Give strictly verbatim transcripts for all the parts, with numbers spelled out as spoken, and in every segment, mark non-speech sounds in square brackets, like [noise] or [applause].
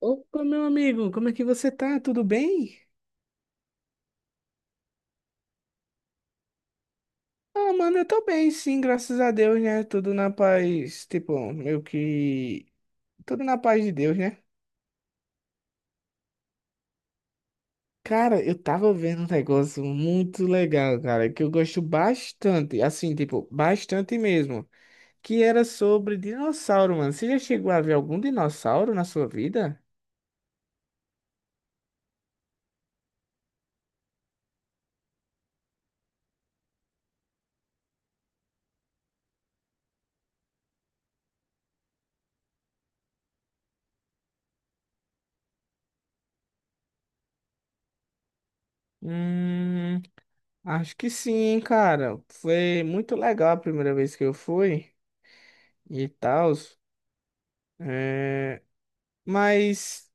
Opa, meu amigo, como é que você tá? Tudo bem? Ah, mano, eu tô bem, sim, graças a Deus, né? Tudo na paz, tipo, meio que. Tudo na paz de Deus, né? Cara, eu tava vendo um negócio muito legal, cara, que eu gosto bastante, assim, tipo, bastante mesmo, que era sobre dinossauro, mano. Você já chegou a ver algum dinossauro na sua vida? Hum, acho que sim, cara. Foi muito legal a primeira vez que eu fui e tal. Mas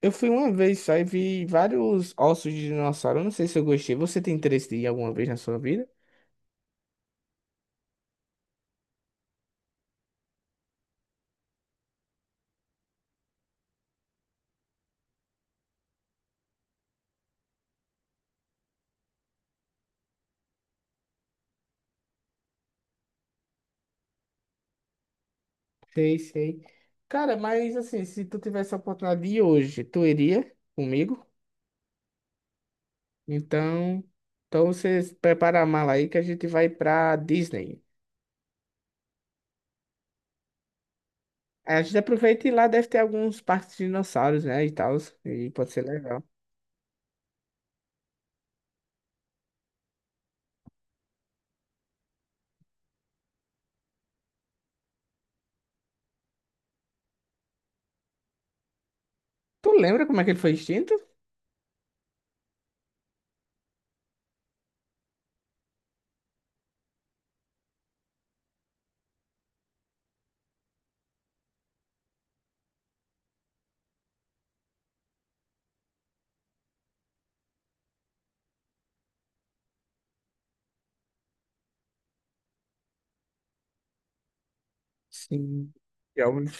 eu fui uma vez só e vi vários ossos de dinossauro. Eu não sei se eu gostei. Você tem interesse de ir alguma vez na sua vida? Sei, sei. Cara, mas assim, se tu tivesse a oportunidade de ir hoje, tu iria comigo? Então, então você prepara a mala aí que a gente vai pra Disney. A gente aproveita e lá deve ter alguns parques de dinossauros, né, e tal, e pode ser legal. Tu lembra como é que ele foi extinto? Sim, já ouvi-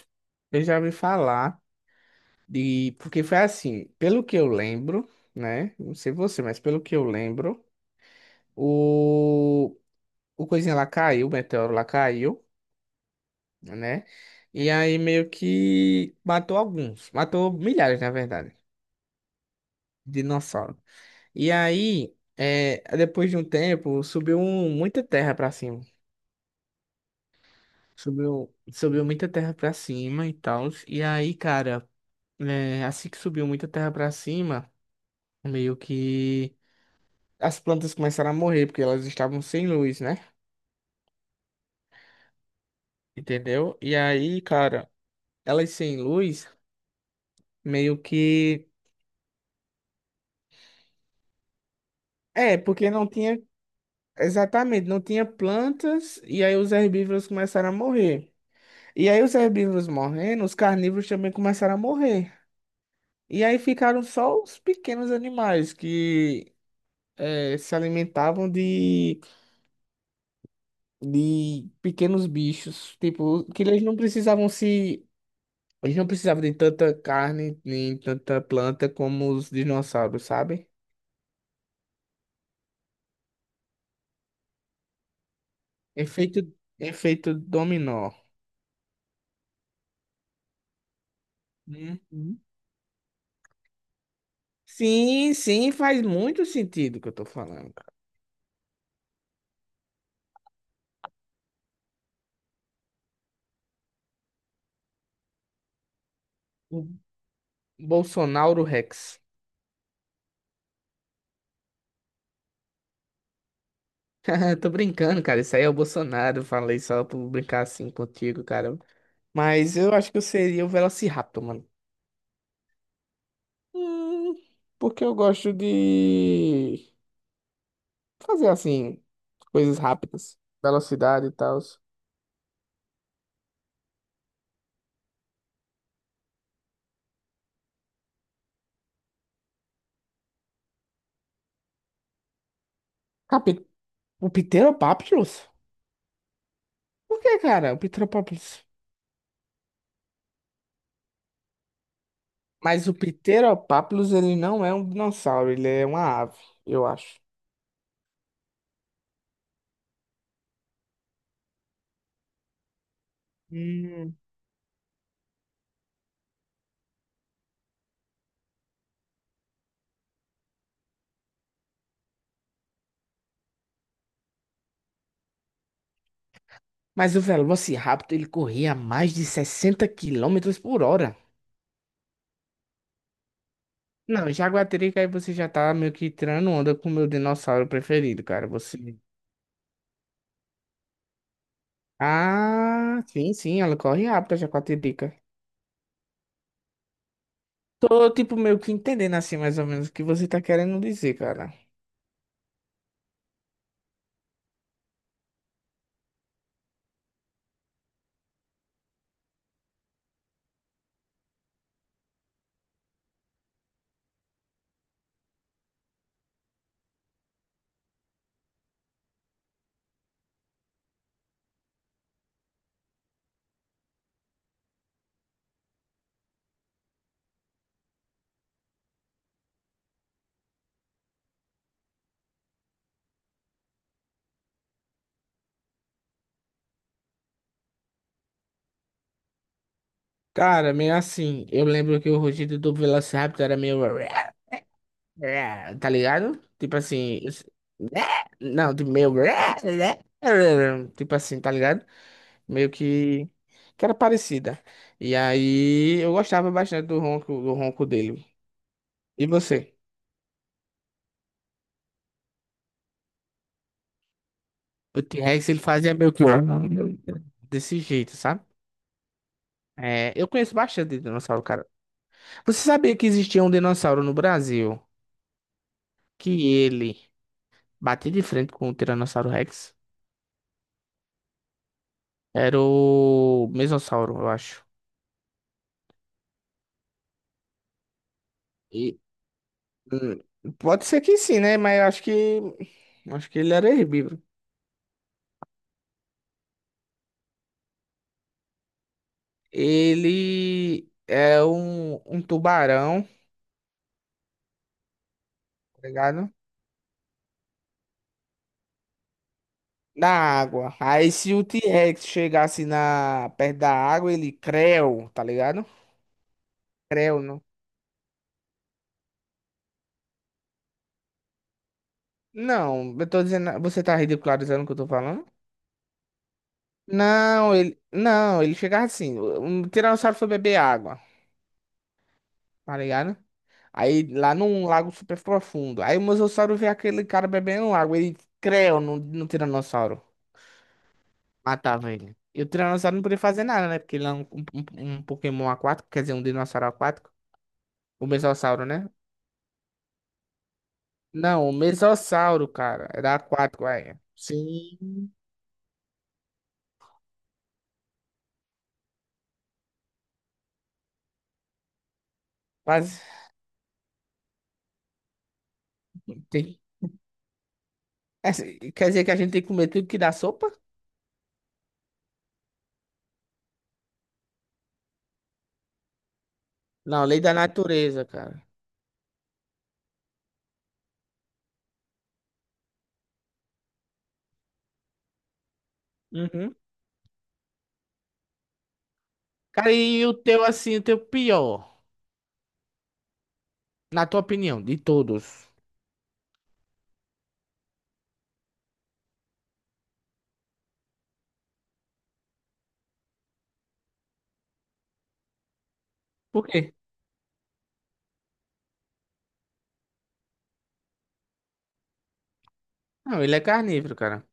eu já ouvi falar de. Porque foi assim, pelo que eu lembro, né? Não sei você, mas pelo que eu lembro, o, o coisinha lá caiu, o meteoro lá caiu, né? E aí meio que matou alguns, matou milhares, na verdade, de dinossauro. E aí, é, depois de um tempo, subiu um- muita terra pra cima. Subiu, subiu muita terra pra cima e tal. E aí, cara, é, assim que subiu muita terra pra cima. Meio que as plantas começaram a morrer porque elas estavam sem luz, né? Entendeu? E aí, cara, elas sem luz, meio que é, porque não tinha exatamente, não tinha plantas e aí os herbívoros começaram a morrer. E aí os herbívoros morrendo, os carnívoros também começaram a morrer. E aí ficaram só os pequenos animais que eh, se alimentavam de, de pequenos bichos, tipo, que eles não precisavam se a gente não precisava de tanta carne nem tanta planta como os dinossauros, sabe? Efeito, efeito dominó. Uhum. Sim, sim, faz muito sentido o que eu tô falando. O Bolsonaro Rex. [laughs] Tô brincando, cara. Isso aí é o Bolsonaro. Falei só por brincar assim contigo, cara. Mas eu acho que eu seria o Velociraptor, mano. Hum, porque eu gosto de fazer assim, coisas rápidas, velocidade e tal. O Pteropapilus? Por que, cara? O Pteropapilus. Mas o Pteropapilus, ele não é um dinossauro, ele é uma ave, eu acho. Hum. Mas o Velociraptor, ele corria a mais de sessenta quilômetros por hora. Não, Jaguatirica, aí você já tá meio que tirando onda com o meu dinossauro preferido, cara. Você. Ah, sim, sim, ela corre rápido, a Jaguatirica. Tô, tipo, meio que entendendo, assim, mais ou menos, o que você tá querendo dizer, cara. Cara, meio assim, eu lembro que o rugido do Velociraptor era meio. É, tá ligado? Tipo assim, isso- né? Não, tipo meio, né? Né? Tipo assim, tá ligado? Meio que que era parecida. E aí eu gostava bastante do ronco, do ronco dele. E você? O T-Rex ele fazia meio que desse jeito, sabe? É, eu conheço bastante de dinossauro, cara. Você sabia que existia um dinossauro no Brasil que ele batia de frente com o Tiranossauro Rex? Era o Mesossauro, eu acho. E hum, pode ser que sim, né? Mas eu acho que. Acho que ele era herbívoro. Ele é um, um tubarão, tá ligado? Da água. Aí se o T-Rex chegasse na, perto da água, ele creu, tá ligado? Creu, não. Não, eu tô dizendo. Você tá ridicularizando o que eu tô falando? Não, ele. Não, ele chegava assim. Um tiranossauro foi beber água, tá ligado? Aí lá num lago super profundo. Aí o Mosasauro vê aquele cara bebendo água. Ele creu no, no Tiranossauro. Matava ele. E o Tiranossauro não podia fazer nada, né? Porque ele é um, um, um um Pokémon aquático, quer dizer, um dinossauro aquático. O Mesossauro, né? Não, o Mesossauro, cara. Era aquático, é sim. Mas tem. É, quer dizer que a gente tem que comer tudo que dá sopa? Não, lei da natureza, cara. Uhum. Cara, e o teu, assim, o teu pior, na tua opinião, de todos? Por quê? Não, ele é carnívoro, cara.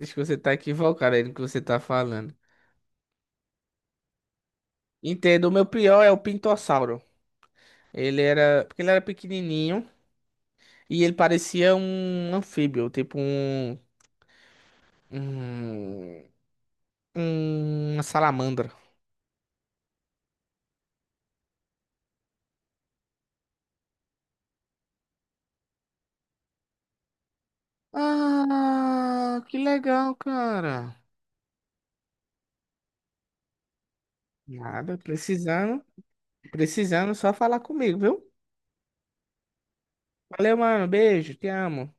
Acho que você tá equivocado aí no que você tá falando. Entendo, o meu pior é o pintossauro. Ele era, porque ele era pequenininho e ele parecia um anfíbio, tipo um, um, uma salamandra. Ah, que legal, cara. Nada, precisando, precisando só falar comigo, viu? Valeu, mano, beijo, te amo.